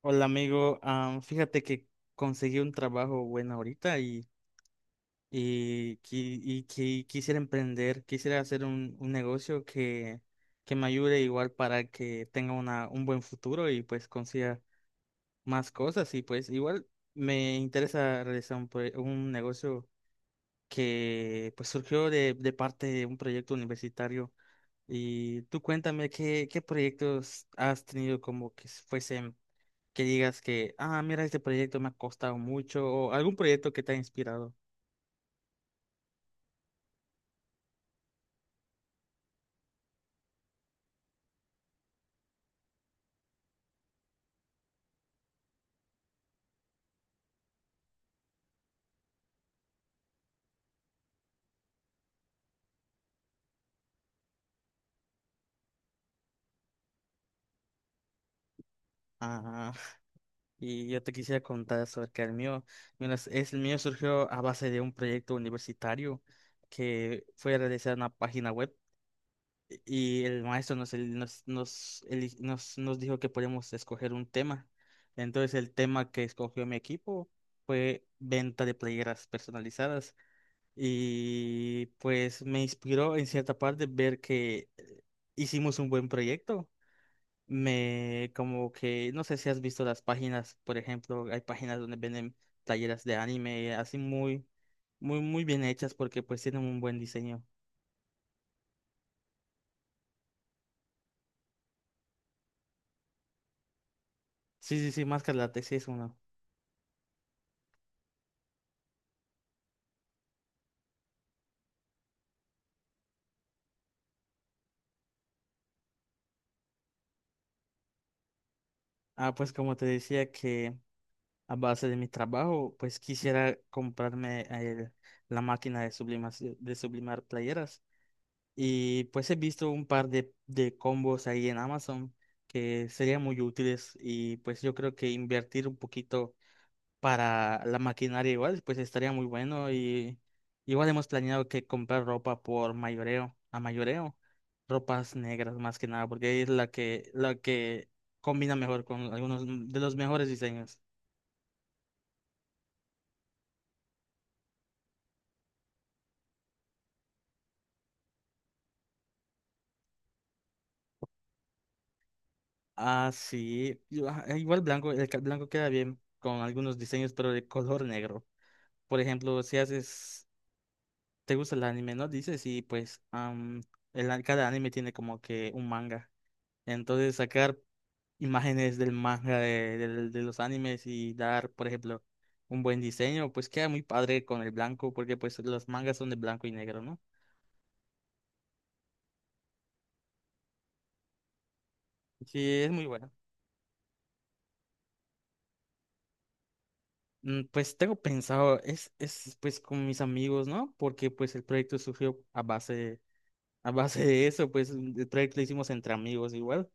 Hola amigo, fíjate que conseguí un trabajo bueno ahorita y quisiera emprender, quisiera hacer un negocio que me ayude igual para que tenga un buen futuro y pues consiga más cosas y pues igual me interesa realizar un negocio que pues surgió de parte de un proyecto universitario y tú cuéntame qué proyectos has tenido como que fuesen que digas que, ah, mira, este proyecto me ha costado mucho, o algún proyecto que te ha inspirado. Ajá. Y yo te quisiera contar sobre que el mío, mira, el mío surgió a base de un proyecto universitario que fue a realizar una página web y el maestro nos, el- nos, nos, eli- nos, nos dijo que podíamos escoger un tema. Entonces el tema que escogió mi equipo fue venta de playeras personalizadas. Y pues me inspiró en cierta parte ver que hicimos un buen proyecto. Me como que, no sé si has visto las páginas, por ejemplo, hay páginas donde venden playeras de anime, así muy bien hechas porque pues tienen un buen diseño. Sí, sí, sí, Máscara Látex sí es uno. Ah, pues como te decía que a base de mi trabajo, pues quisiera comprarme la máquina de sublimación, de sublimar playeras. Y pues he visto un par de combos ahí en Amazon que serían muy útiles y pues yo creo que invertir un poquito para la maquinaria igual pues estaría muy bueno y igual hemos planeado que comprar ropa por mayoreo, a mayoreo, ropas negras más que nada porque es la que combina mejor con algunos de los mejores diseños. Ah, sí, igual blanco, blanco queda bien con algunos diseños pero de color negro. Por ejemplo, si haces ¿Te gusta el anime, no? Dices, y pues cada anime tiene como que un manga. Entonces sacar imágenes del manga de los animes y dar, por ejemplo, un buen diseño, pues queda muy padre con el blanco, porque pues los mangas son de blanco y negro, ¿no? Sí, es muy bueno. Mm, pues tengo pensado, es pues con mis amigos, ¿no? Porque pues el proyecto surgió a base de eso, pues el proyecto lo hicimos entre amigos igual.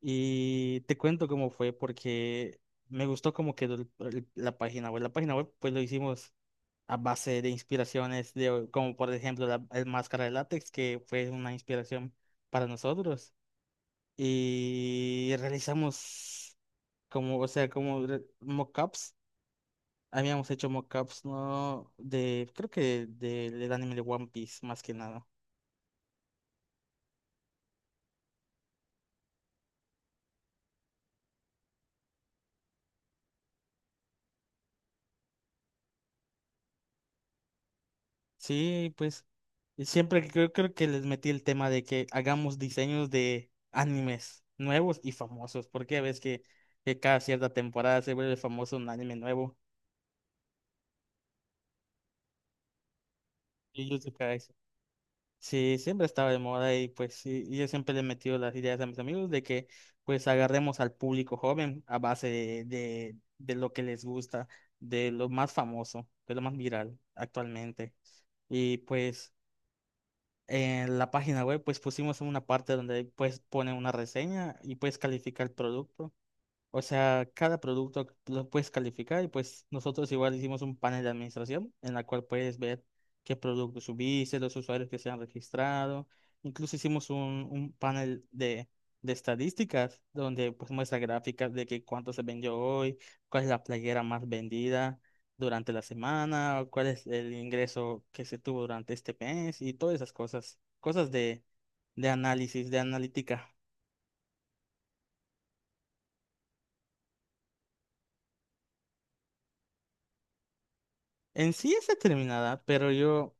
Y te cuento cómo fue, porque me gustó cómo quedó la página web. La página web, pues lo hicimos a base de inspiraciones, de, como por ejemplo la el máscara de látex, que fue una inspiración para nosotros. Y realizamos como, o sea, mockups. Habíamos hecho mockups, ¿no? De, creo que de del anime de One Piece, más que nada. Sí, pues y siempre creo que les metí el tema de que hagamos diseños de animes nuevos y famosos, porque ves que cada cierta temporada se vuelve famoso un anime nuevo. Y yo siempre eso. Sí, siempre estaba de moda y pues sí, y yo siempre le he metido las ideas a mis amigos de que pues agarremos al público joven a base de lo que les gusta, de lo más famoso, de lo más viral actualmente. Y pues... En la página web pues pusimos una parte donde pues pone una reseña y puedes calificar el producto. O sea, cada producto lo puedes calificar y pues nosotros igual hicimos un panel de administración en la cual puedes ver qué productos subiste, los usuarios que se han registrado. Incluso hicimos un panel de estadísticas donde pues muestra gráficas de que cuánto se vendió hoy, cuál es la playera más vendida durante la semana, o cuál es el ingreso que se tuvo durante este mes y todas esas cosas, cosas de análisis, de analítica. En sí es determinada, pero yo...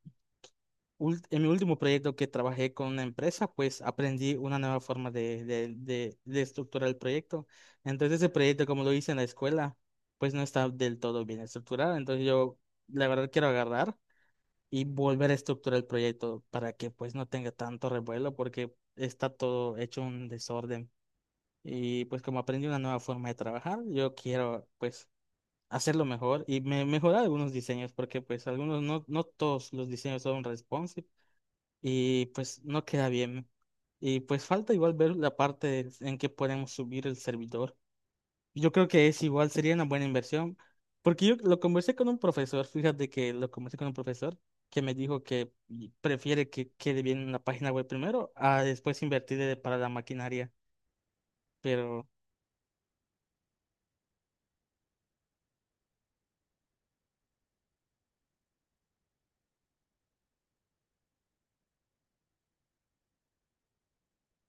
en mi último proyecto que trabajé con una empresa, pues aprendí una nueva forma de estructurar el proyecto. Entonces ese proyecto, como lo hice en la escuela, pues no está del todo bien estructurado. Entonces yo, la verdad, quiero agarrar y volver a estructurar el proyecto para que pues no tenga tanto revuelo porque está todo hecho un desorden. Y pues como aprendí una nueva forma de trabajar, yo quiero pues hacerlo mejor y me mejorar algunos diseños porque pues algunos no, no todos los diseños son responsive y pues no queda bien. Y pues falta igual ver la parte en que podemos subir el servidor. Yo creo que es igual, sería una buena inversión, porque yo lo conversé con un profesor, fíjate que lo conversé con un profesor que me dijo que prefiere que quede bien la página web primero a después invertir para la maquinaria. Pero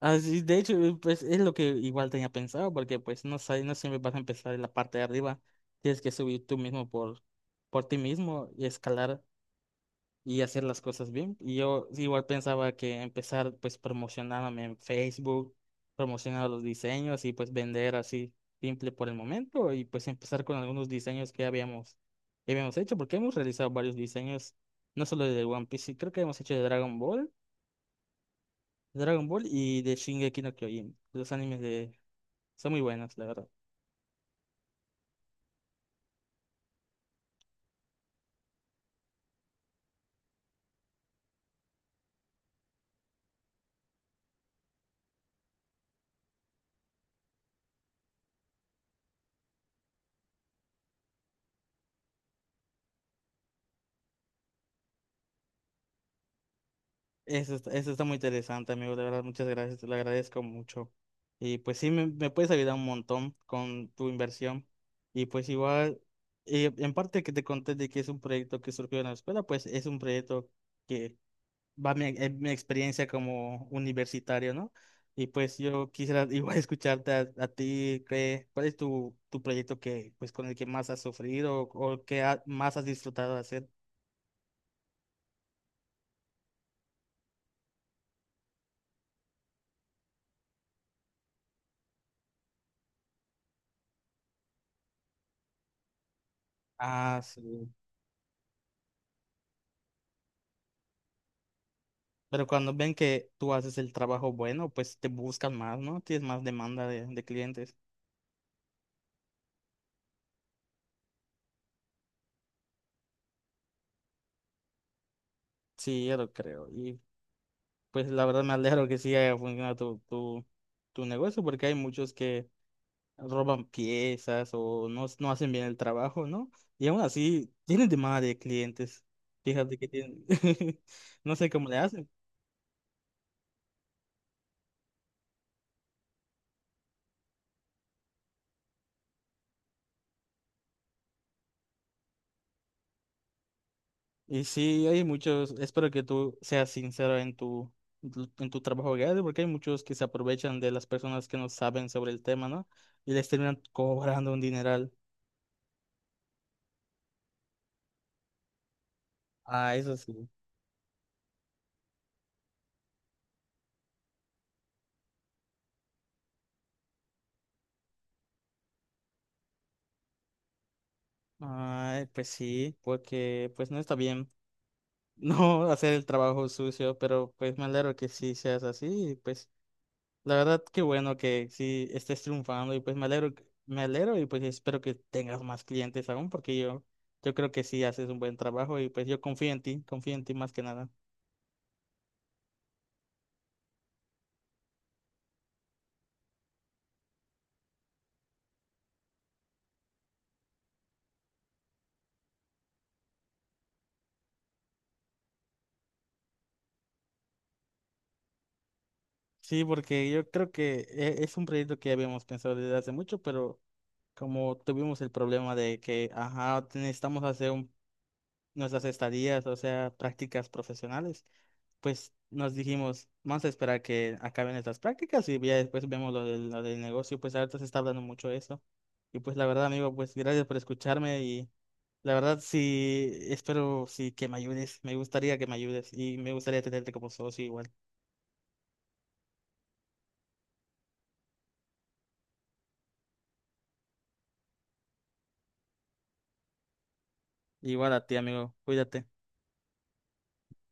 así, de hecho, pues es lo que igual tenía pensado, porque pues no sé, no siempre vas a empezar en la parte de arriba, tienes que subir tú mismo por ti mismo y escalar y hacer las cosas bien. Y yo sí, igual pensaba que empezar pues promocionándome en Facebook, promocionar los diseños y pues vender así simple por el momento y pues empezar con algunos diseños que que habíamos hecho, porque hemos realizado varios diseños, no solo de One Piece, sí, creo que hemos hecho de Dragon Ball y de Shingeki no Kyojin. Los animes de... son muy buenos, la verdad. Eso está muy interesante, amigo. De verdad, muchas gracias. Te lo agradezco mucho. Y pues sí, me puedes ayudar un montón con tu inversión. Y pues igual, en parte que te conté de que es un proyecto que surgió en la escuela, pues es un proyecto que en mi experiencia como universitario, ¿no? Y pues yo quisiera igual escucharte a ti, qué, ¿cuál es tu proyecto que, pues, con el que más has sufrido o, más has disfrutado de hacer? Ah, sí. Pero cuando ven que tú haces el trabajo bueno, pues te buscan más, ¿no? Tienes más demanda de clientes. Sí, yo lo creo. Y pues la verdad me alegro que sí haya funcionado tu negocio, porque hay muchos que roban piezas o no, no hacen bien el trabajo, ¿no? Y aún así tienen demanda de clientes. Fíjate que tienen, no sé cómo le hacen. Y sí, hay muchos, espero que tú seas sincero en tu, en tu en tu trabajo diario, porque hay muchos que se aprovechan de las personas que no saben sobre el tema, ¿no? Y les terminan cobrando un dineral. Ah, eso sí. Ay, pues sí, porque pues no está bien no hacer el trabajo sucio, pero pues me alegro que sí seas así, y, pues la verdad, qué bueno que sí estés triunfando y pues me alegro, me alegro y pues espero que tengas más clientes aún porque yo creo que sí haces un buen trabajo y pues yo confío en ti más que nada. Sí, porque yo creo que es un proyecto que habíamos pensado desde hace mucho, pero como tuvimos el problema de que, ajá, necesitamos nuestras estadías, o sea, prácticas profesionales. Pues nos dijimos, vamos a esperar que acaben estas prácticas y ya después vemos lo lo del negocio, pues ahorita se está hablando mucho de eso. Y pues la verdad, amigo, pues gracias por escucharme y la verdad sí, espero sí que me ayudes, me gustaría que me ayudes y me gustaría tenerte como socio igual. Igual a ti, amigo, cuídate.